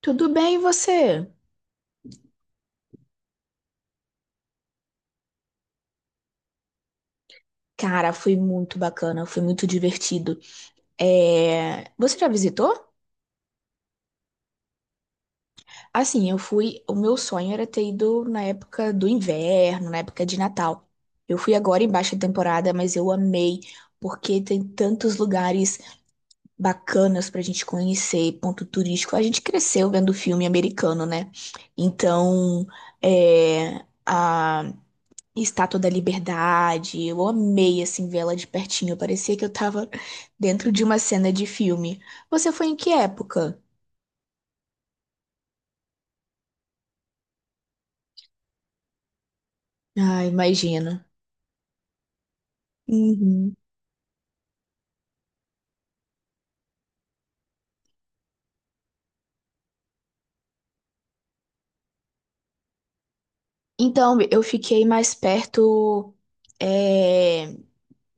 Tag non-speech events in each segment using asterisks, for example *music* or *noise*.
Tudo bem, e você? Cara, foi muito bacana, foi muito divertido. É, você já visitou? Assim, eu fui. O meu sonho era ter ido na época do inverno, na época de Natal. Eu fui agora em baixa temporada, mas eu amei, porque tem tantos lugares bacanas pra gente conhecer, ponto turístico. A gente cresceu vendo filme americano, né? Então, é... a- Estátua da Liberdade. Eu amei, assim, ver ela de pertinho. Parecia que eu tava dentro de uma cena de filme. Você foi em que época? Ah, imagino. Uhum. Então, eu fiquei mais perto. é,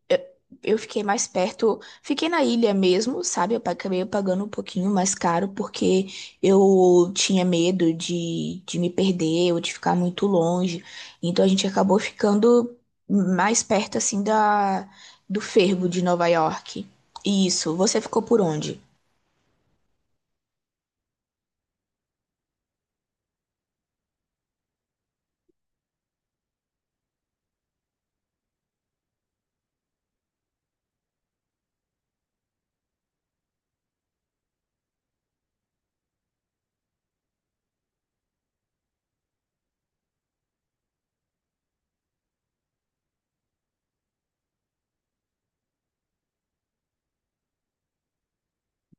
Eu eu fiquei mais perto, fiquei na ilha mesmo, sabe? Eu acabei pagando um pouquinho mais caro porque eu tinha medo de me perder ou de ficar muito longe. Então a gente acabou ficando mais perto assim da do fervo de Nova York. Isso, você ficou por onde?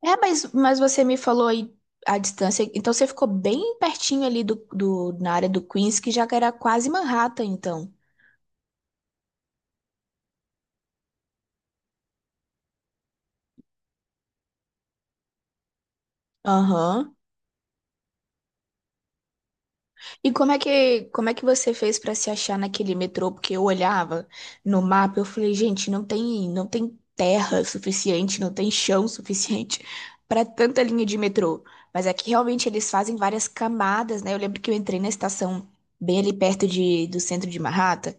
É, mas você me falou aí a distância, então você ficou bem pertinho ali na área do Queens, que já era quase Manhattan, então. Aham. E como é que você fez pra se achar naquele metrô? Porque eu olhava no mapa, eu falei, gente, não tem terra suficiente, não tem chão suficiente pra tanta linha de metrô. Mas aqui realmente eles fazem várias camadas, né? Eu lembro que eu entrei na estação bem ali perto do centro de Manhattan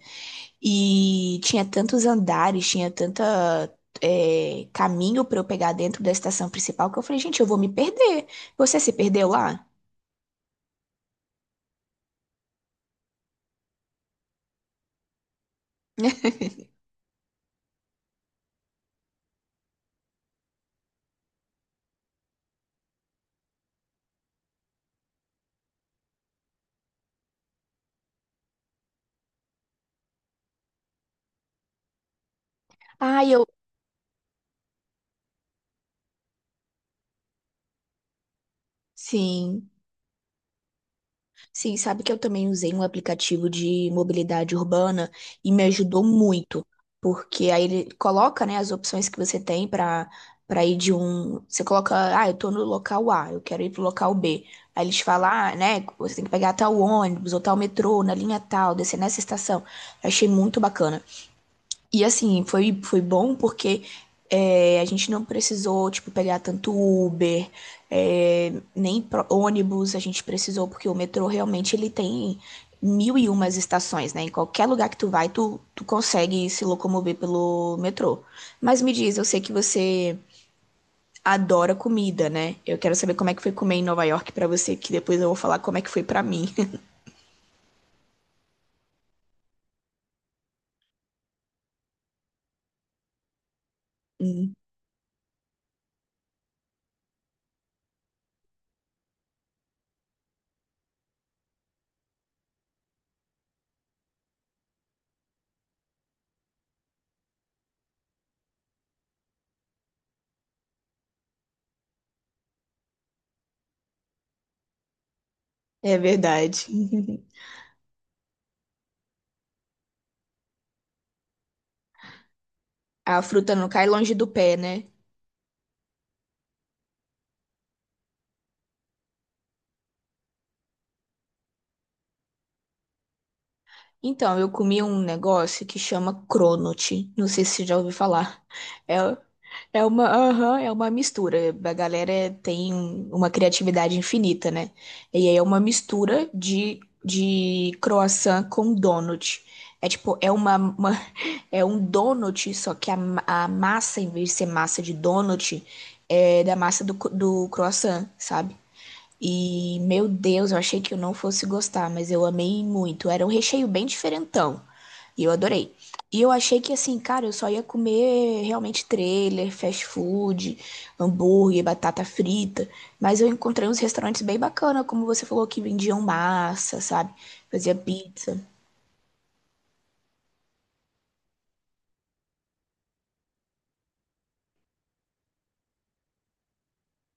e tinha tantos andares, tinha caminho pra eu pegar dentro da estação principal que eu falei, gente, eu vou me perder. Você se perdeu lá? *laughs* Ah, eu. Sim. Sim, sabe que eu também usei um aplicativo de mobilidade urbana e me ajudou muito, porque aí ele coloca, né, as opções que você tem para ir de um, você coloca, ah, eu tô no local A, eu quero ir pro local B. Aí eles falam, ah, né, você tem que pegar tal ônibus ou tal metrô na linha tal, descer nessa estação. Eu achei muito bacana. E assim, foi bom porque a gente não precisou, tipo, pegar tanto Uber, é, nem ônibus a gente precisou, porque o metrô realmente ele tem mil e umas estações, né? Em qualquer lugar que tu vai, tu consegue se locomover pelo metrô. Mas me diz, eu sei que você adora comida, né? Eu quero saber como é que foi comer em Nova York pra você, que depois eu vou falar como é que foi pra mim. *laughs* Hum. É verdade. *laughs* A fruta não cai longe do pé, né? Então, eu comi um negócio que chama Cronut. Não sei se você já ouviu falar. É, é uma mistura. A galera tem uma criatividade infinita, né? E aí é uma mistura de croissant com donut. É tipo, *laughs* é um donut, só que a massa, em vez de ser massa de donut, é da massa do croissant, sabe? E, meu Deus, eu achei que eu não fosse gostar, mas eu amei muito. Era um recheio bem diferentão. E eu adorei. E eu achei que, assim, cara, eu só ia comer realmente trailer, fast food, hambúrguer, batata frita. Mas eu encontrei uns restaurantes bem bacana, como você falou, que vendiam massa, sabe? Fazia pizza.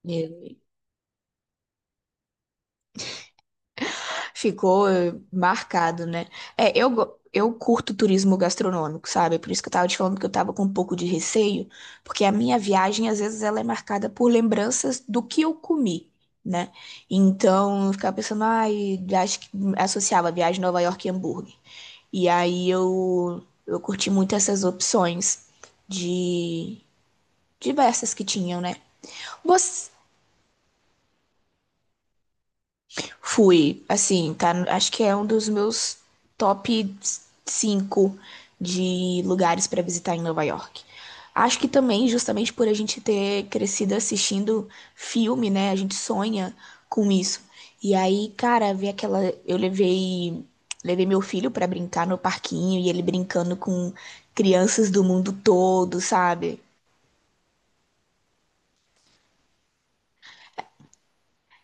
Meu Ficou marcado, né? É, eu curto turismo gastronômico, sabe? Por isso que eu tava te falando que eu tava com um pouco de receio, porque a minha viagem, às vezes, ela é marcada por lembranças do que eu comi, né? Então, eu ficava pensando, ai, acho que associava a viagem Nova York e hambúrguer. E aí eu curti muito essas opções de diversas que tinham, né? Você Fui, assim, tá, acho que é um dos meus top 5 de lugares pra visitar em Nova York. Acho que também, justamente por a gente ter crescido assistindo filme, né? A gente sonha com isso. E aí, cara, ver aquela. Eu levei meu filho pra brincar no parquinho e ele brincando com crianças do mundo todo, sabe?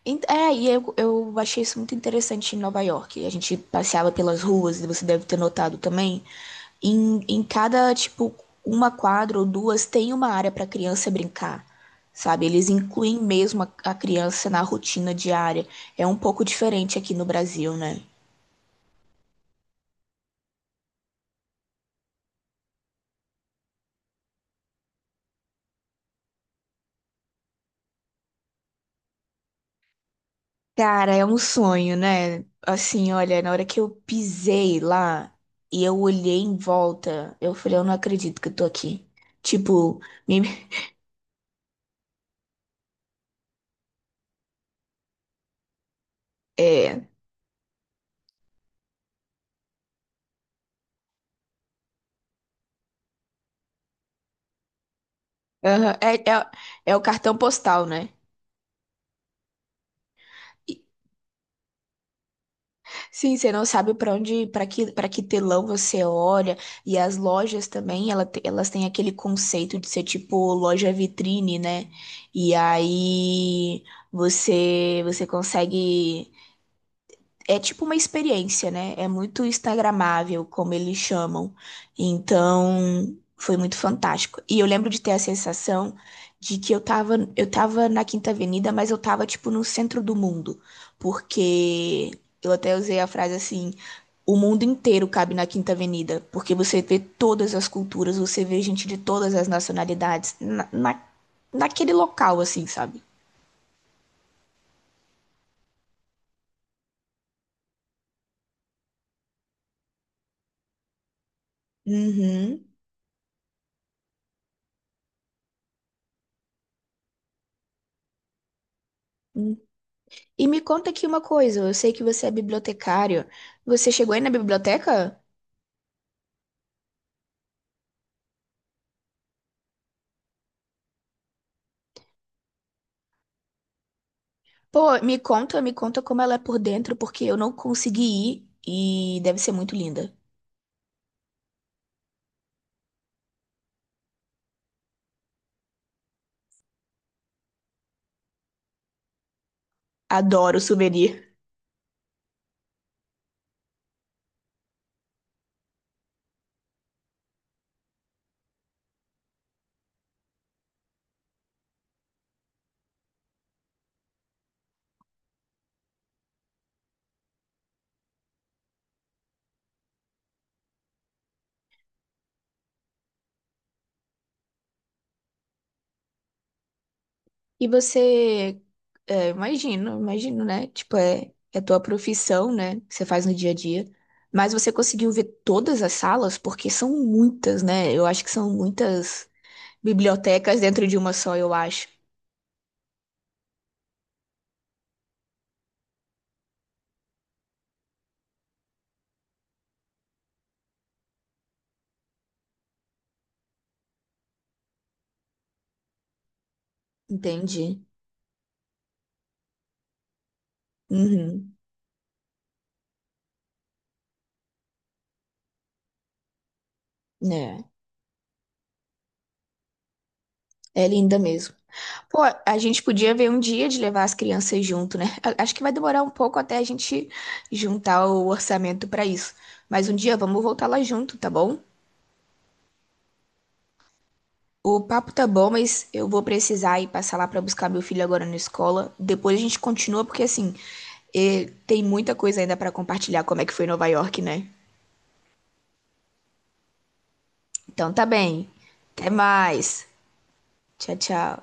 É, e eu achei isso muito interessante em Nova York. A gente passeava pelas ruas, e você deve ter notado também. Em cada, tipo, uma quadra ou duas tem uma área para criança brincar, sabe? Eles incluem mesmo a criança na rotina diária. É um pouco diferente aqui no Brasil, né? Cara, é um sonho, né? Assim, olha, na hora que eu pisei lá e eu olhei em volta, eu falei, eu não acredito que eu tô aqui. Tipo, me- *laughs* Aham. É o cartão postal, né? Sim, você não sabe para onde, para que telão você olha. E as lojas também, elas têm aquele conceito de ser tipo loja vitrine, né? E aí você consegue. É tipo uma experiência, né? É muito instagramável, como eles chamam. Então, foi muito fantástico. E eu lembro de ter a sensação de que eu tava na Quinta Avenida, mas eu tava tipo no centro do mundo, porque eu até usei a frase assim, o mundo inteiro cabe na Quinta Avenida, porque você vê todas as culturas, você vê gente de todas as nacionalidades naquele local assim, sabe? Uhum. E me conta aqui uma coisa, eu sei que você é bibliotecário. Você chegou aí na biblioteca? Pô, me conta como ela é por dentro, porque eu não consegui ir e deve ser muito linda. Adoro souvenir. E você, imagino, imagino, né? Tipo, é tua profissão, né? Que você faz no dia a dia. Mas você conseguiu ver todas as salas? Porque são muitas, né? Eu acho que são muitas bibliotecas dentro de uma só, eu acho. Entendi. Uhum. É, é, linda mesmo. Pô, a gente podia ver um dia de levar as crianças junto, né? Acho que vai demorar um pouco até a gente juntar o orçamento pra isso. Mas um dia vamos voltar lá junto, tá bom? O papo tá bom, mas eu vou precisar ir passar lá pra buscar meu filho agora na escola. Depois a gente continua, porque assim, tem muita coisa ainda pra compartilhar, como é que foi Nova York, né? Então tá bem. Até mais. Tchau, tchau.